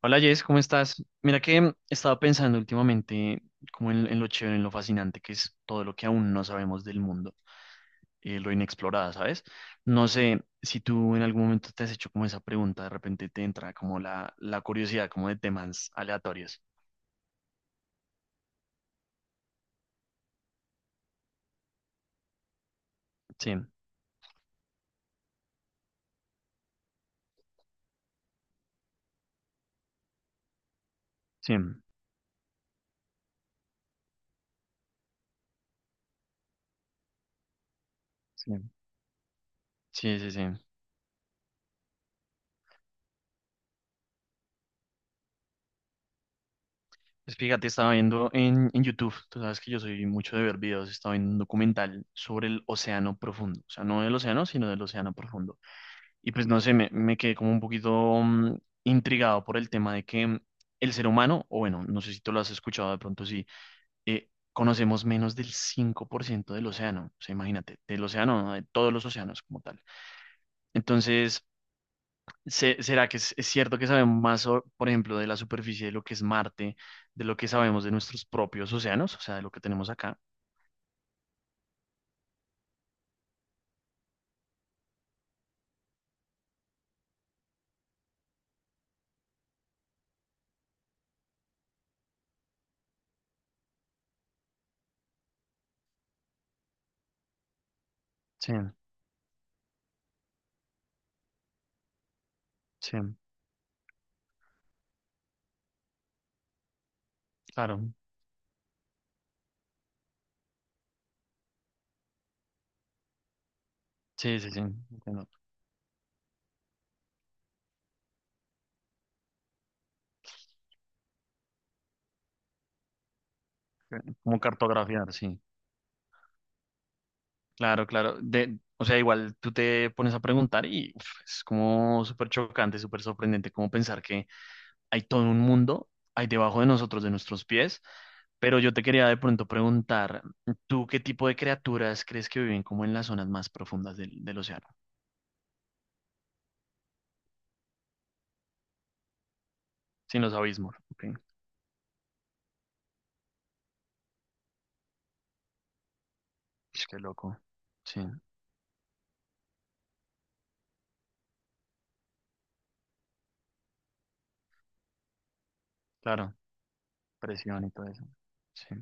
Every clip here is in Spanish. Hola Jess, ¿cómo estás? Mira que estaba pensando últimamente como en lo chévere, en lo fascinante que es todo lo que aún no sabemos del mundo, lo inexplorado, ¿sabes? No sé si tú en algún momento te has hecho como esa pregunta, de repente te entra como la curiosidad como de temas aleatorios. Sí, sí, sí, sí, sí, sí. Pues fíjate, estaba viendo en YouTube. Tú sabes que yo soy mucho de ver videos. Estaba viendo un documental sobre el océano profundo, o sea, no del océano, sino del océano profundo. Y pues no sé, me quedé como un poquito mm, intrigado por el tema de que el ser humano, o bueno, no sé si tú lo has escuchado de pronto, sí, conocemos menos del 5% del océano, o sea, imagínate, del océano, ¿no? De todos los océanos como tal. Entonces, ¿será que es cierto que sabemos más, o por ejemplo, de la superficie de lo que es Marte, de lo que sabemos de nuestros propios océanos, o sea, de lo que tenemos acá? Sí, sí, claro. Sí, sí, sí, entiendo. Como cartografiar, sí. Claro, claro. De, o sea, igual tú te pones a preguntar y uf, es como súper chocante, súper sorprendente como pensar que hay todo un mundo ahí debajo de nosotros, de nuestros pies. Pero yo te quería de pronto preguntar, ¿tú qué tipo de criaturas crees que viven como en las zonas más profundas del océano? Sin los abismos. Ok. Ush, qué loco. Sí, claro. Presión y todo eso. Sí,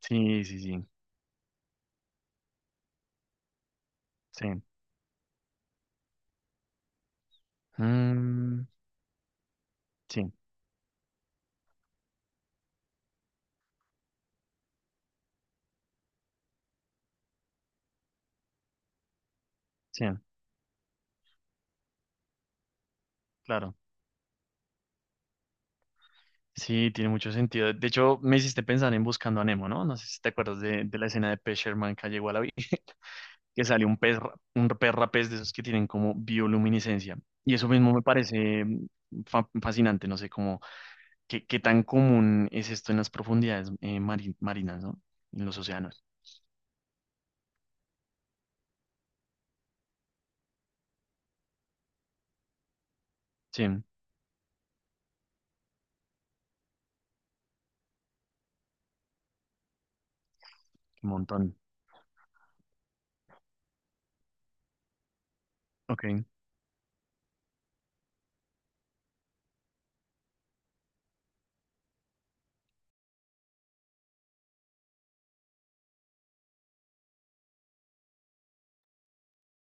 sí, sí, sí. Sí. Mm, sí, sí, claro. Sí, tiene mucho sentido. De hecho, me hiciste pensar en Buscando a Nemo, ¿no? No sé si te acuerdas de la escena de Pez Sherman que llegó a la vida, que sale un pez, un perra pez rapés de esos que tienen como bioluminiscencia. Y eso mismo me parece fascinante, no sé cómo, qué, qué tan común es esto en las profundidades marinas, ¿no? En los océanos. Sí, un montón. Ok,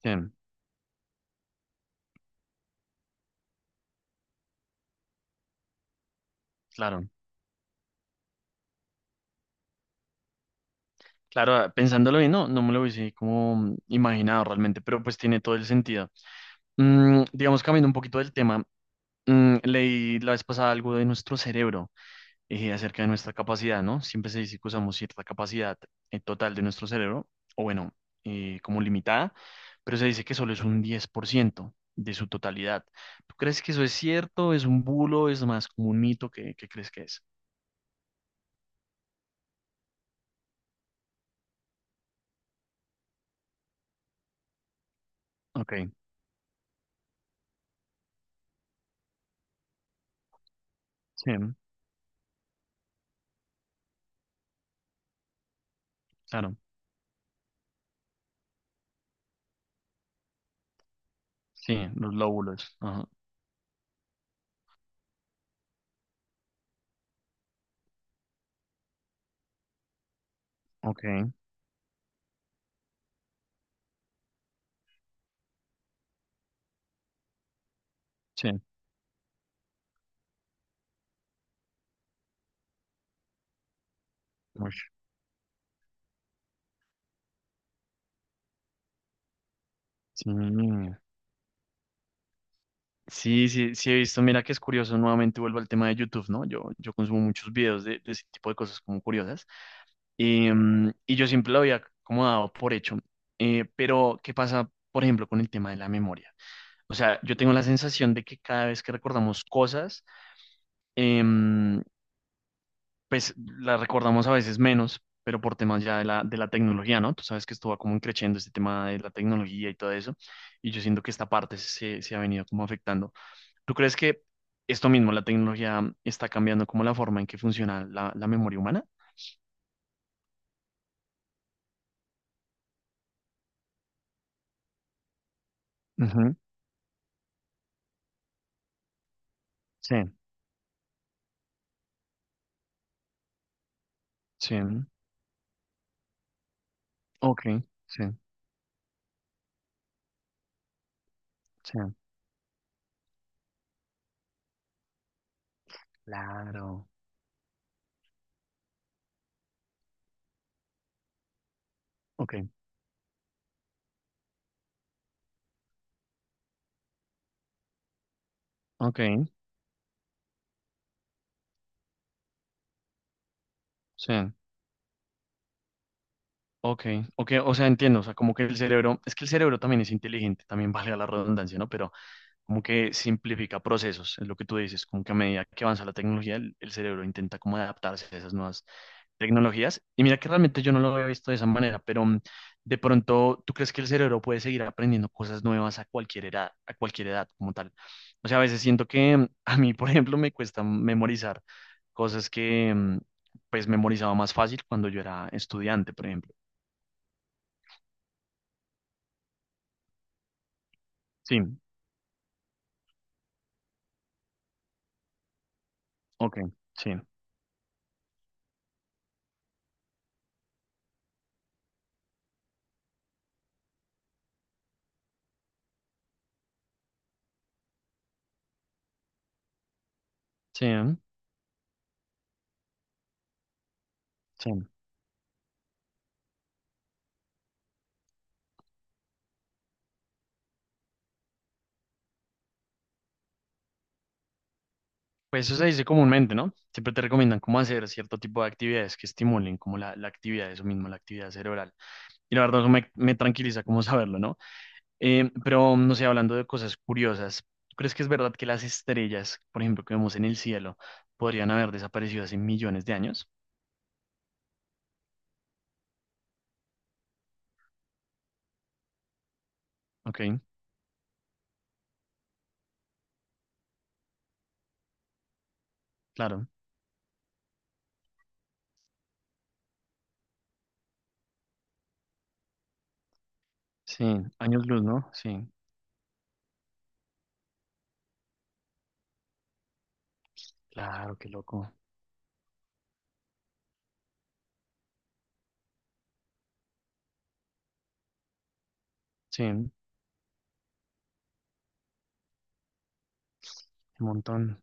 sí, claro. Claro, pensándolo bien, no, no me lo hubiese como imaginado realmente, pero pues tiene todo el sentido. Digamos, cambiando un poquito del tema, leí la vez pasada algo de nuestro cerebro y acerca de nuestra capacidad, ¿no? Siempre se dice que usamos cierta capacidad en total de nuestro cerebro, o bueno, como limitada, pero se dice que solo es un 10% de su totalidad. ¿Tú crees que eso es cierto? ¿Es un bulo? ¿Es más como un mito? ¿Qué, qué crees que es? Ok, sí, claro. Sí, los lóbulos. Ajá. Ok, sí. Ush, sí, sí, sí, sí he visto. Mira que es curioso, nuevamente vuelvo al tema de YouTube, ¿no? Yo consumo muchos videos de ese tipo de cosas como curiosas y, mm, y yo siempre lo había como dado por hecho. Pero, ¿qué pasa, por ejemplo, con el tema de la memoria? O sea, yo tengo la sensación de que cada vez que recordamos cosas, em, pues la recordamos a veces menos, pero por temas ya de la tecnología, ¿no? Tú sabes que esto va como creciendo este tema de la tecnología y todo eso, y yo siento que esta parte se ha venido como afectando. ¿Tú crees que esto mismo, la tecnología, está cambiando como la forma en que funciona la memoria humana? Ujú, sí, sí, ok, sí, sí, claro, ok, ok, sí, ok, ok, o sea, entiendo. O sea, como que el cerebro, es que el cerebro también es inteligente, también vale la redundancia, ¿no? Pero como que simplifica procesos, es lo que tú dices, como que a medida que avanza la tecnología, el cerebro intenta como adaptarse a esas nuevas tecnologías. Y mira que realmente yo no lo había visto de esa manera, pero de pronto, ¿tú crees que el cerebro puede seguir aprendiendo cosas nuevas a cualquier edad como tal? O sea, a veces siento que a mí, por ejemplo, me cuesta memorizar cosas que pues memorizaba más fácil cuando yo era estudiante, por ejemplo. Sí, ok, sí, sí, ¿eh? Sí. Pues eso se dice comúnmente, ¿no? Siempre te recomiendan cómo hacer cierto tipo de actividades que estimulen como la actividad, eso mismo, la actividad cerebral. Y la verdad, eso me, me tranquiliza como saberlo, ¿no? Pero, no sé, hablando de cosas curiosas, ¿tú crees que es verdad que las estrellas, por ejemplo, que vemos en el cielo, podrían haber desaparecido hace millones de años? Ok, claro. Sí, años luz, ¿no? Sí, claro, qué loco. Sí, un montón.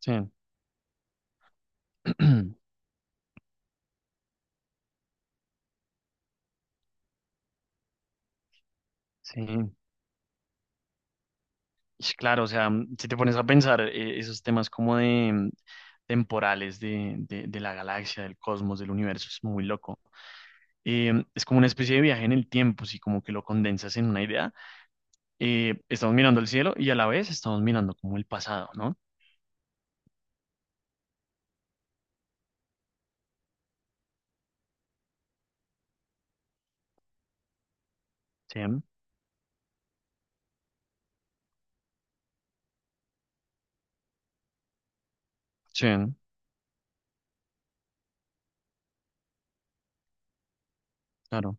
Sí, sí. Ish, claro, o sea, si te pones a pensar esos temas como de temporales de, de la galaxia, del cosmos, del universo, es muy loco. Es como una especie de viaje en el tiempo, si como que lo condensas en una idea. Estamos mirando el cielo y a la vez estamos mirando como el pasado, ¿no? Sí, mm, sí, claro.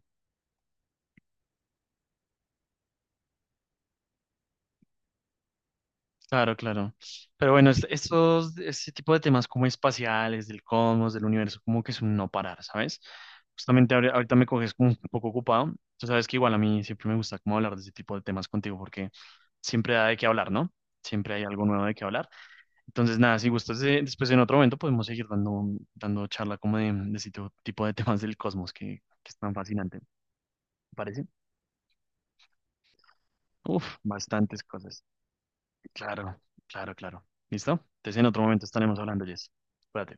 Claro, claro. Pero bueno, estos, este tipo de temas como espaciales, del cosmos, del universo, como que es un no parar, ¿sabes? Justamente ahorita me coges como un poco ocupado. Tú sabes que igual a mí siempre me gusta como hablar de ese tipo de temas contigo porque siempre da de qué hablar, ¿no? Siempre hay algo nuevo de qué hablar. Entonces, nada, si gustas, después en otro momento podemos seguir dando charla como de ese tipo de temas del cosmos que es tan fascinante, ¿te parece? Uf, bastantes cosas. Claro, claro, claro. ¿Listo? Entonces en otro momento estaremos hablando, Jess. Cuídate.